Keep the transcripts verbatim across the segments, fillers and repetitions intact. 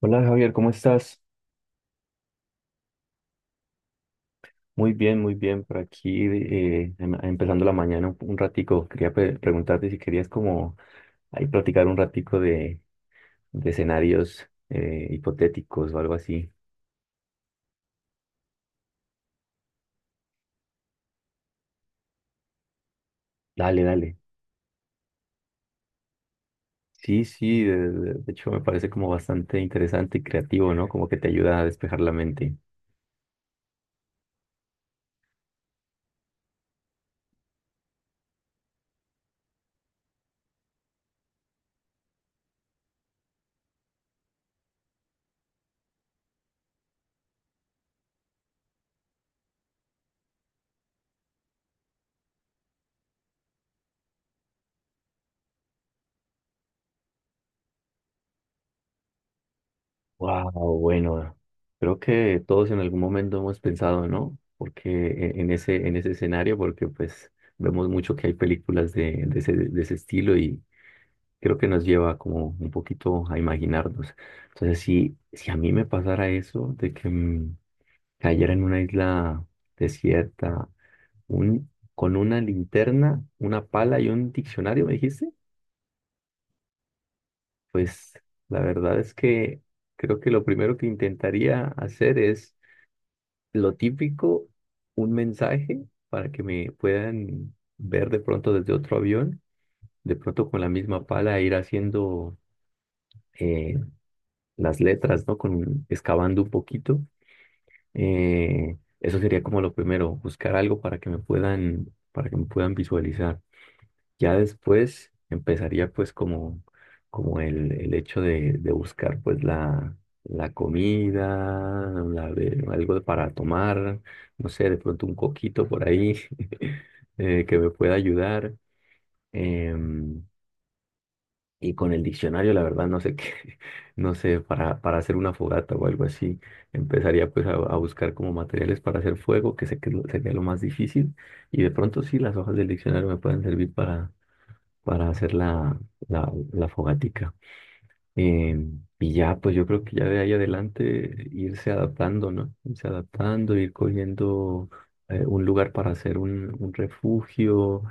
Hola Javier, ¿cómo estás? Muy bien, muy bien. Por aquí eh, em- empezando la mañana un, un ratico. Quería pre- preguntarte si querías como ahí platicar un ratico de, de escenarios eh, hipotéticos o algo así. Dale, dale. Sí, sí, de, de- de hecho me parece como bastante interesante y creativo, ¿no? Como que te ayuda a despejar la mente. Wow, bueno, creo que todos en algún momento hemos pensado, ¿no? Porque e- en ese, en ese escenario, porque pues vemos mucho que hay películas de, de ese, de ese estilo y creo que nos lleva como un poquito a imaginarnos. Entonces, si, si a mí me pasara eso, de que mm, cayera en una isla desierta, un, con una linterna, una pala y un diccionario, me dijiste, pues la verdad es que creo que lo primero que intentaría hacer es lo típico, un mensaje para que me puedan ver de pronto desde otro avión, de pronto con la misma pala ir haciendo eh, las letras, ¿no? Con, excavando un poquito. Eh, eso sería como lo primero, buscar algo para que me puedan, para que me puedan visualizar. Ya después empezaría pues como, como el, el hecho de, de buscar pues la, la comida, la be- algo para tomar, no sé, de pronto un coquito por ahí eh, que me pueda ayudar. em, y con el diccionario, la verdad, no sé qué, no sé, para, para hacer una fogata o algo así, empezaría pues a, a buscar como materiales para hacer fuego, que sé que es lo- sería lo más difícil. Y de pronto sí, las hojas del diccionario me pueden servir para hacer la, la, la fogatica. Eh, y ya, pues yo creo que ya de ahí adelante irse adaptando, ¿no? Irse adaptando, ir cogiendo eh, un lugar para hacer un, un refugio,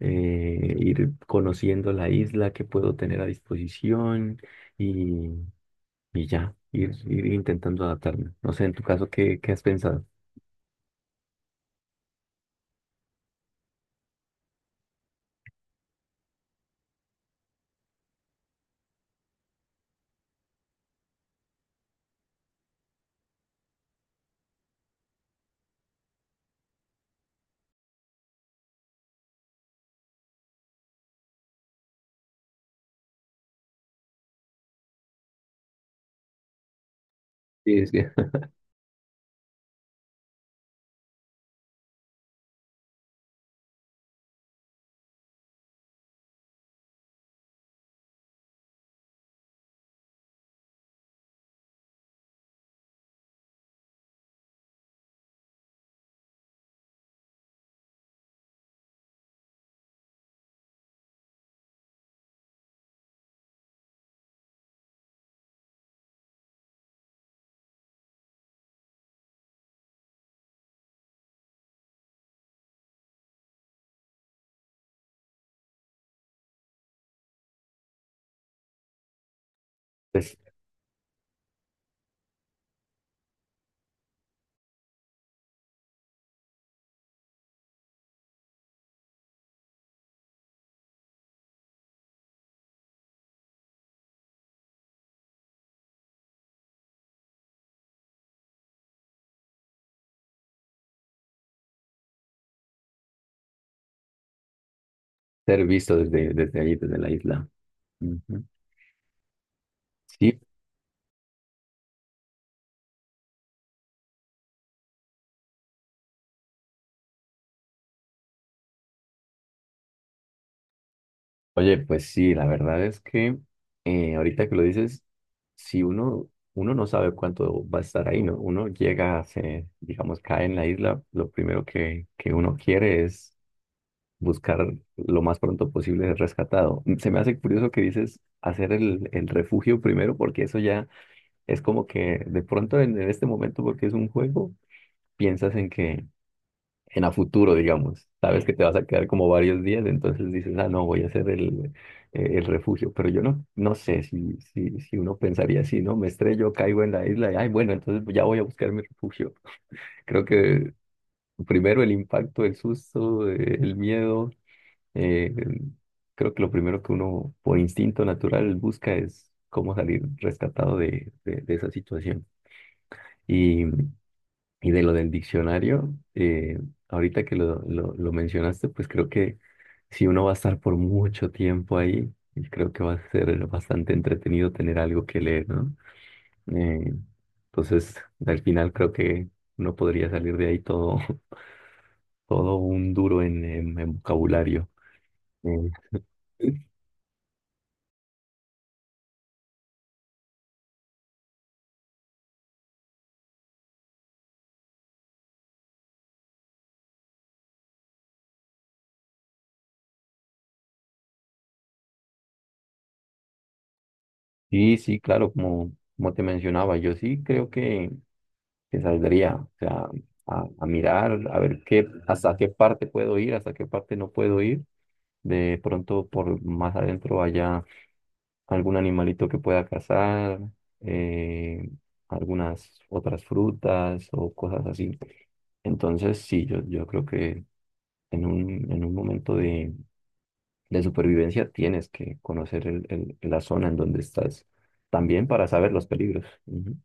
eh, ir conociendo la isla que puedo tener a disposición y, y ya, ir, ir intentando adaptarme. No sé, en tu caso, ¿qué, qué has pensado? Sí, es que- pues, ser visto desde, desde ahí, desde la isla. Ujú. Sí. Oye, pues sí, la verdad es que eh, ahorita que lo dices, si uno, uno no sabe cuánto va a estar ahí, ¿no? Uno llega, se, digamos, cae en la isla, lo primero que, que uno quiere es buscar lo más pronto posible ser rescatado. Mm, se me hace curioso que dices hacer el, el refugio primero, porque eso ya es como que de pronto en, en este momento, porque es un juego, piensas en que en a futuro, digamos. Sabes que te vas a quedar como varios días, entonces dices, ah, no, voy a hacer el, eh, el refugio. Pero yo no, no sé si, si, si uno pensaría así, ¿no? Me estrello, caigo en la isla y, ay, bueno, entonces ya voy a buscar mi refugio. Creo que primero el impacto, el susto, eh, el miedo. eh, Creo que lo primero que uno por instinto natural busca es cómo salir rescatado de, de, de esa situación. Y de lo del diccionario, eh, ahorita que lo, lo, lo mencionaste, pues creo que si uno va a estar por mucho tiempo ahí, creo que va a ser bastante entretenido tener algo que leer, ¿no? Eh, entonces, al final creo que uno podría salir de ahí todo, todo un duro en, en- en vocabulario. Eh, sí, sí, claro, como, como te mencionaba, yo sí creo que, que saldría, o sea, a, a mirar, a ver qué, hasta qué parte puedo ir, hasta qué parte no puedo ir. De pronto por más adentro haya algún animalito que pueda cazar, eh, algunas otras frutas o cosas así. Entonces, sí, yo, yo creo que en un, en un momento de, de supervivencia tienes que conocer el- el- la zona en donde estás, también para saber los peligros. Ujú.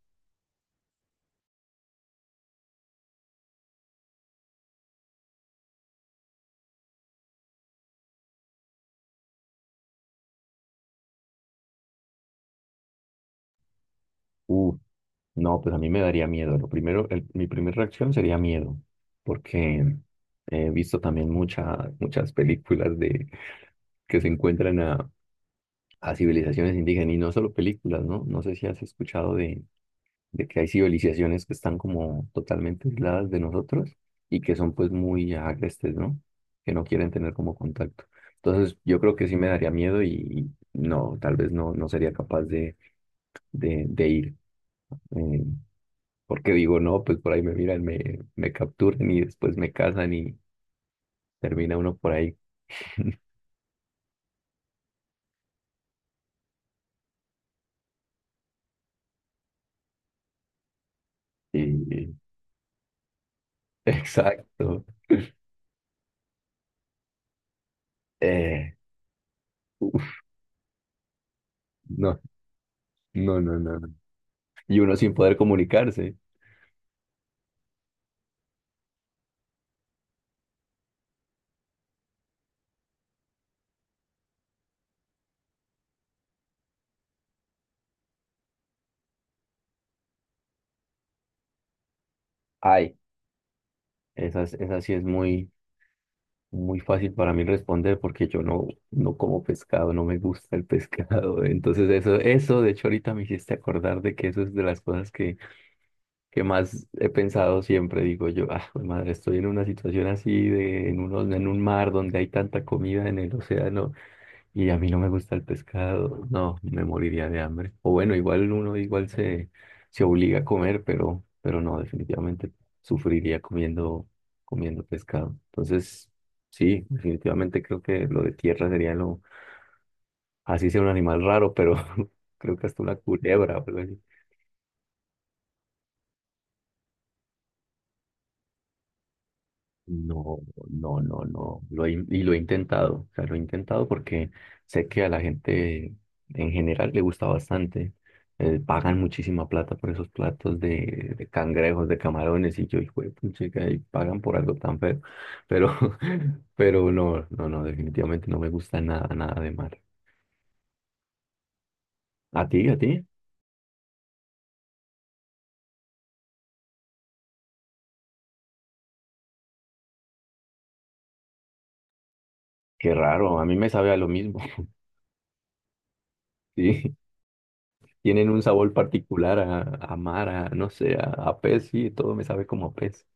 Uh, no, pues a mí me daría miedo. Lo primero, el- mi primera reacción sería miedo, porque he visto también muchas muchas películas de que se encuentran a, a civilizaciones indígenas y no solo películas, ¿no? No sé si has escuchado de, de que hay civilizaciones que están como totalmente aisladas de nosotros y que son pues muy agrestes, ¿no? Que no quieren tener como contacto. Entonces yo creo que sí me daría miedo y no, tal vez no, no sería capaz de, de, de ir. Eh, porque digo, no, pues por ahí me miran, me, me capturan y después me casan y termina uno por ahí. Y, exacto. Eh, uf, no, no, no, no, no. Y uno sin poder comunicarse. Ay, esa, es- esa sí es muy, muy fácil para mí responder porque yo no, no como pescado, no me gusta el pescado. Entonces eso, eso, de hecho ahorita me hiciste acordar de que eso es de las cosas que que más he pensado siempre, digo yo, ah, jue madre, estoy en una situación así de en un, en un mar donde hay tanta comida en el océano y a mí no me gusta el pescado, no, me moriría de hambre. O bueno, igual uno igual se, se obliga a comer, pero, pero no, definitivamente sufriría comiendo, comiendo pescado. Entonces, sí, definitivamente creo que lo de tierra sería lo, así sea un animal raro, pero creo que hasta una culebra o algo así. No, no, no, no. Lo he in- y lo he intentado. O sea, lo he intentado porque sé que a la gente en general le gusta bastante. Eh, pagan muchísima plata por esos platos de, de cangrejos, de camarones, y yo, hijo de puchica, y pagan por algo tan feo. Pero, pero no, no, no, definitivamente no me gusta nada, nada de mar. ¿A ti, a ti? Qué raro, a mí me sabe a lo mismo. Sí, tienen un sabor particular a, a mar, a, no sé, a, a pez, sí, todo me sabe como a pez.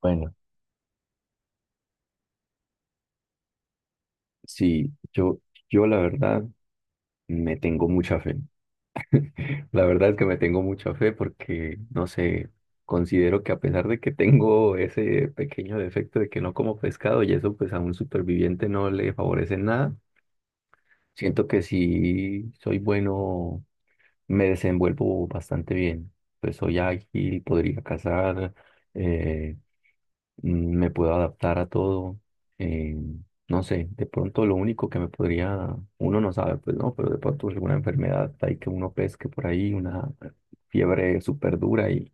Bueno. Sí, yo, yo la verdad me tengo mucha fe. La verdad es que me tengo mucha fe porque, no sé, considero que a pesar de que tengo ese pequeño defecto de que no como pescado y eso pues a un superviviente no le favorece en nada, siento que si soy bueno, me desenvuelvo bastante bien. Pues soy ágil, podría cazar, eh, mm, me puedo adaptar a todo. eh, no sé, de pronto lo único que me podría, uno no sabe, pues no, pero de pronto alguna enfermedad hay que uno pesque por ahí, una fiebre súper dura y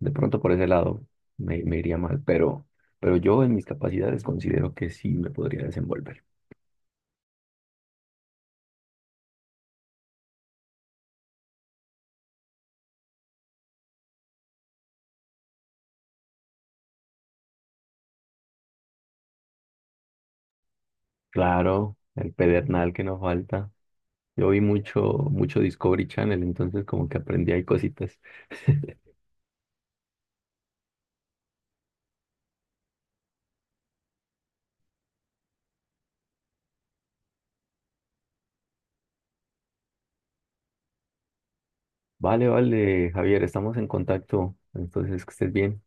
de pronto por ese lado me, me iría mal, pero, pero yo en mis capacidades considero que sí me podría desenvolver. Claro, el pedernal que no falta. Yo vi mucho, mucho Discovery Channel, entonces como que aprendí ahí cositas. Vale, vale, Javier, estamos en contacto, entonces que estés bien.